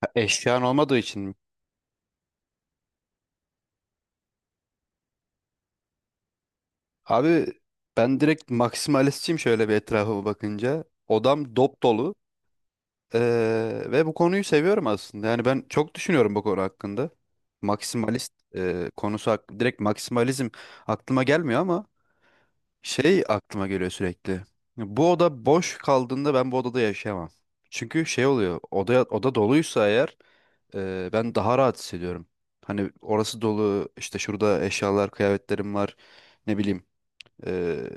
Ha, eşyan olmadığı için mi? Abi ben direkt maksimalistçiyim şöyle bir etrafıma bakınca. Odam dop dolu. Ve bu konuyu seviyorum aslında. Yani ben çok düşünüyorum bu konu hakkında. Maksimalist direkt maksimalizm aklıma gelmiyor ama şey aklıma geliyor sürekli. Bu oda boş kaldığında ben bu odada yaşayamam. Çünkü şey oluyor. Oda doluysa eğer ben daha rahat hissediyorum. Hani orası dolu, işte şurada eşyalar, kıyafetlerim var. Ne bileyim, ee,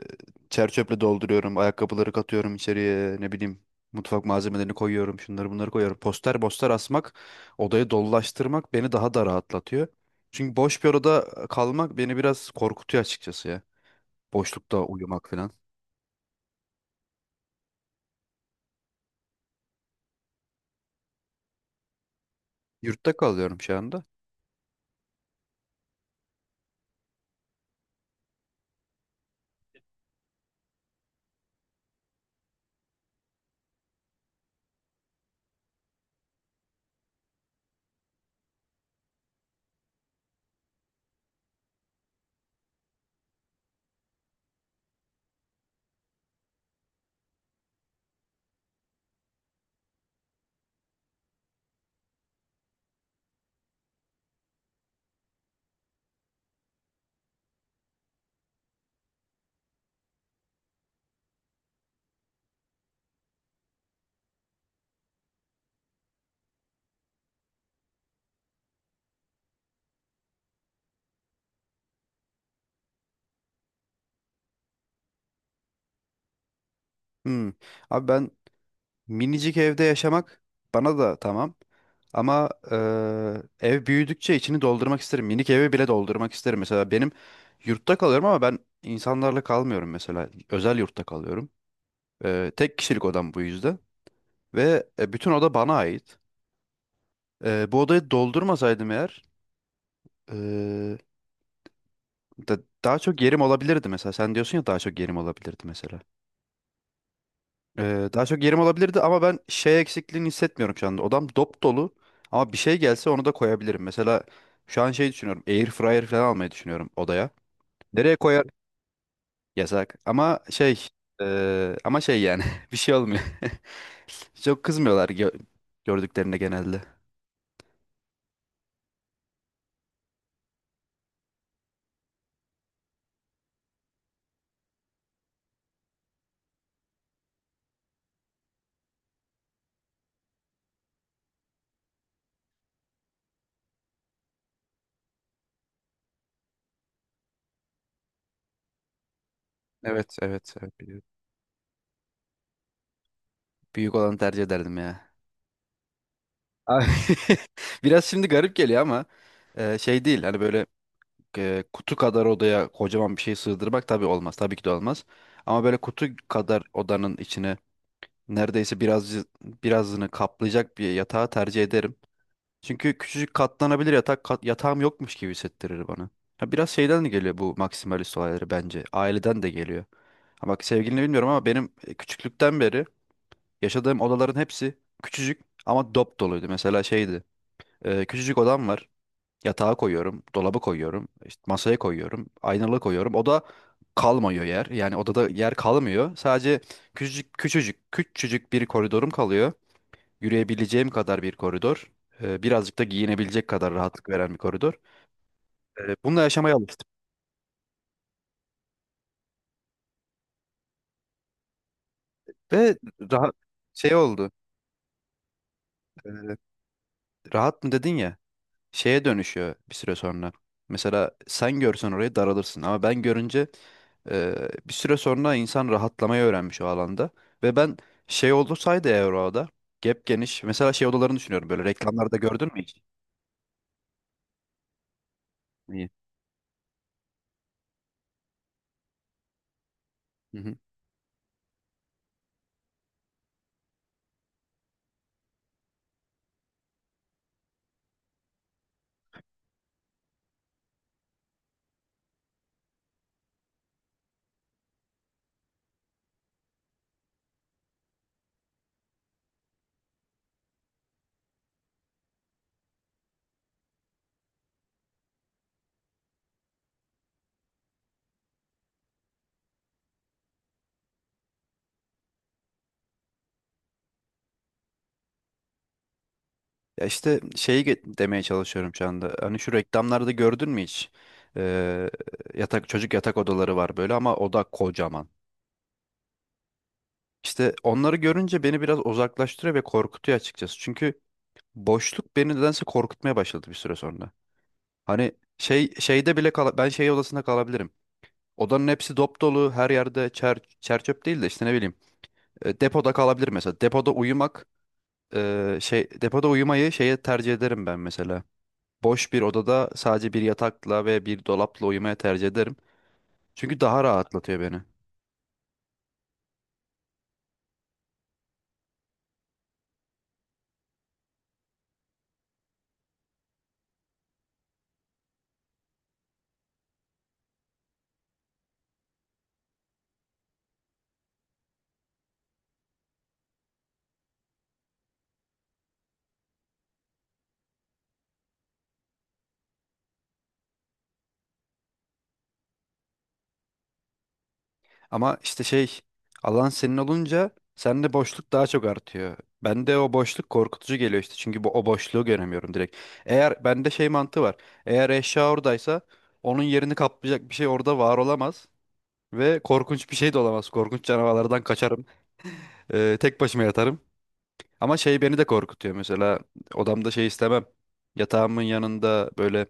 çer çöple dolduruyorum, ayakkabıları katıyorum içeriye, ne bileyim. Mutfak malzemelerini koyuyorum, şunları bunları koyuyorum. Poster poster asmak, odayı dolulaştırmak beni daha da rahatlatıyor. Çünkü boş bir odada kalmak beni biraz korkutuyor açıkçası ya. Boşlukta uyumak falan. Yurtta kalıyorum şu anda. Hmm. Abi ben minicik evde yaşamak bana da tamam. Ama ev büyüdükçe içini doldurmak isterim. Minik evi bile doldurmak isterim. Mesela benim yurtta kalıyorum ama ben insanlarla kalmıyorum mesela. Özel yurtta kalıyorum. Tek kişilik odam bu yüzden. Ve bütün oda bana ait. Bu odayı doldurmasaydım eğer eee, daha çok yerim olabilirdi mesela. Sen diyorsun ya daha çok yerim olabilirdi mesela. Daha çok yerim olabilirdi ama ben şey eksikliğini hissetmiyorum şu anda. Odam dop dolu ama bir şey gelse onu da koyabilirim. Mesela şu an şey düşünüyorum. Air fryer falan almayı düşünüyorum odaya. Nereye koyar? Yasak. Ama şey ama şey yani bir şey olmuyor. Çok kızmıyorlar gördüklerinde genelde. Evet evet, evet, biliyorum. Büyük olanı tercih ederdim ya. Ay, biraz şimdi garip geliyor ama şey değil. Hani böyle kutu kadar odaya kocaman bir şey sığdırmak tabii olmaz. Tabii ki de olmaz. Ama böyle kutu kadar odanın içine neredeyse birazını kaplayacak bir yatağı tercih ederim. Çünkü küçücük katlanabilir yatağım yokmuş gibi hissettirir bana. Ha, biraz şeyden de geliyor bu maksimalist olayları bence. Aileden de geliyor. Ha, bak sevgilini bilmiyorum ama benim küçüklükten beri yaşadığım odaların hepsi küçücük ama dop doluydu. Mesela şeydi. Küçücük odam var. Yatağa koyuyorum, dolaba koyuyorum, işte masaya koyuyorum, aynalığa koyuyorum. O da kalmıyor yer. Yani odada yer kalmıyor. Sadece küçücük küçücük küçücük bir koridorum kalıyor. Yürüyebileceğim kadar bir koridor. Birazcık da giyinebilecek kadar rahatlık veren bir koridor. Bununla yaşamaya alıştım. Ve rahat şey oldu. Ee, Rahat mı dedin ya? Şeye dönüşüyor bir süre sonra. Mesela sen görsen orayı daralırsın ama ben görünce e, bir süre sonra insan rahatlamayı öğrenmiş o alanda. Ve ben şey olursaydı eğer orada gep geniş mesela şey odalarını düşünüyorum böyle reklamlarda gördün mü hiç? İyi. Hı hı. Ya işte demeye çalışıyorum şu anda. Hani şu reklamlarda gördün mü hiç? E, Çocuk yatak odaları var böyle ama oda kocaman. İşte onları görünce beni biraz uzaklaştırıyor ve korkutuyor açıkçası. Çünkü boşluk beni nedense korkutmaya başladı bir süre sonra. Hani ben şey odasında kalabilirim. Odanın hepsi dop dolu, her yerde çer çöp değil de işte ne bileyim. Depoda kalabilir mesela. Depoda uyumak depoda uyumayı şeye tercih ederim ben mesela. Boş bir odada sadece bir yatakla ve bir dolapla uyumaya tercih ederim. Çünkü daha rahatlatıyor beni. Ama işte şey alan senin olunca sende boşluk daha çok artıyor. Bende o boşluk korkutucu geliyor işte çünkü o boşluğu göremiyorum direkt. Bende şey mantığı var. Eğer eşya oradaysa onun yerini kaplayacak bir şey orada var olamaz. Ve korkunç bir şey de olamaz. Korkunç canavarlardan kaçarım. Tek başıma yatarım. Ama şey beni de korkutuyor mesela odamda şey istemem. Yatağımın yanında böyle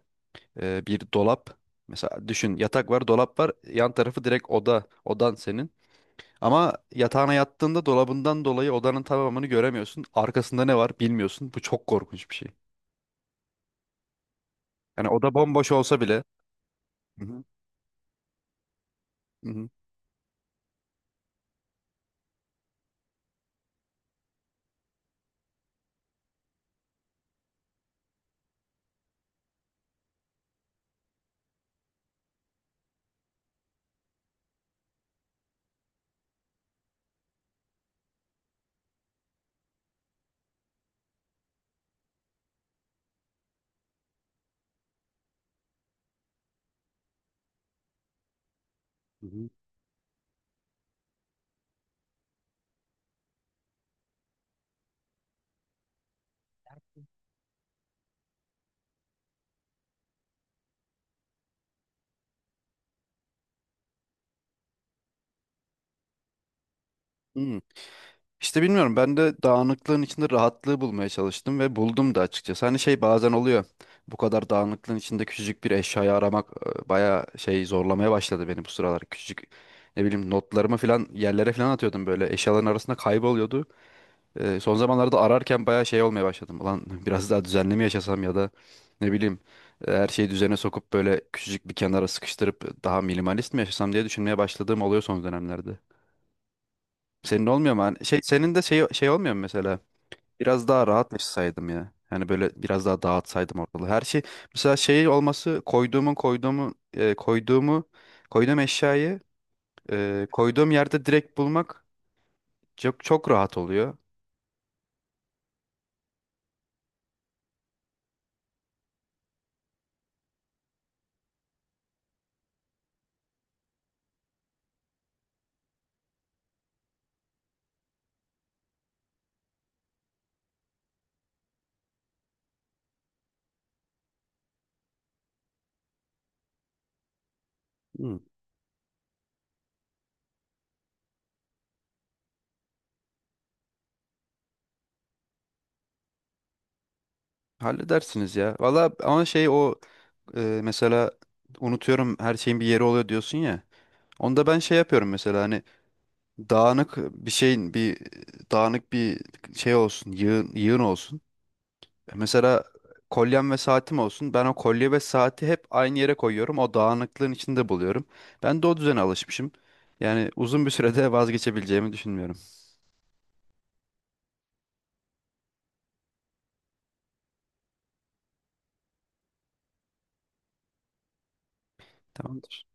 bir dolap. Mesela düşün yatak var dolap var yan tarafı direkt oda. Odan senin. Ama yatağına yattığında dolabından dolayı odanın tamamını göremiyorsun. Arkasında ne var bilmiyorsun. Bu çok korkunç bir şey. Yani oda bomboş olsa bile. Hı hı, hı hı, hı hı. Hı. İşte bilmiyorum, ben de dağınıklığın içinde rahatlığı bulmaya çalıştım ve buldum da açıkçası. Hani şey bazen oluyor. Bu kadar dağınıklığın içinde küçücük bir eşyayı aramak bayağı şey zorlamaya başladı beni bu sıralar. Küçücük ne bileyim notlarımı falan yerlere falan atıyordum böyle. Eşyaların arasında kayboluyordu. Son zamanlarda ararken bayağı şey olmaya başladım. Ulan biraz daha düzenli mi yaşasam ya da ne bileyim her şeyi düzene sokup böyle küçücük bir kenara sıkıştırıp daha minimalist mi yaşasam diye düşünmeye başladığım oluyor son dönemlerde. Senin olmuyor mu? Hani şey, senin de şey, şey olmuyor mu mesela? Biraz daha rahat yaşasaydım ya. Yani böyle biraz daha dağıtsaydım ortalığı. Her şey mesela şey olması koyduğum eşyayı koyduğum yerde direkt bulmak çok çok rahat oluyor. Halledersiniz ya. Valla ama şey o mesela unutuyorum, her şeyin bir yeri oluyor diyorsun ya. Onda ben şey yapıyorum mesela hani dağınık bir şeyin bir dağınık bir şey olsun, yığın, yığın olsun. Mesela kolyem ve saatim olsun. Ben o kolye ve saati hep aynı yere koyuyorum. O dağınıklığın içinde buluyorum. Ben de o düzene alışmışım. Yani uzun bir sürede vazgeçebileceğimi düşünmüyorum. Tamamdır.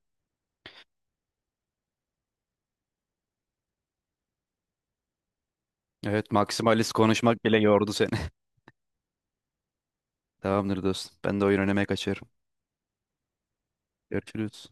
Evet, maksimalist konuşmak bile yordu seni. Tamamdır dostum. Ben de oyun oynamaya kaçıyorum. Görüşürüz.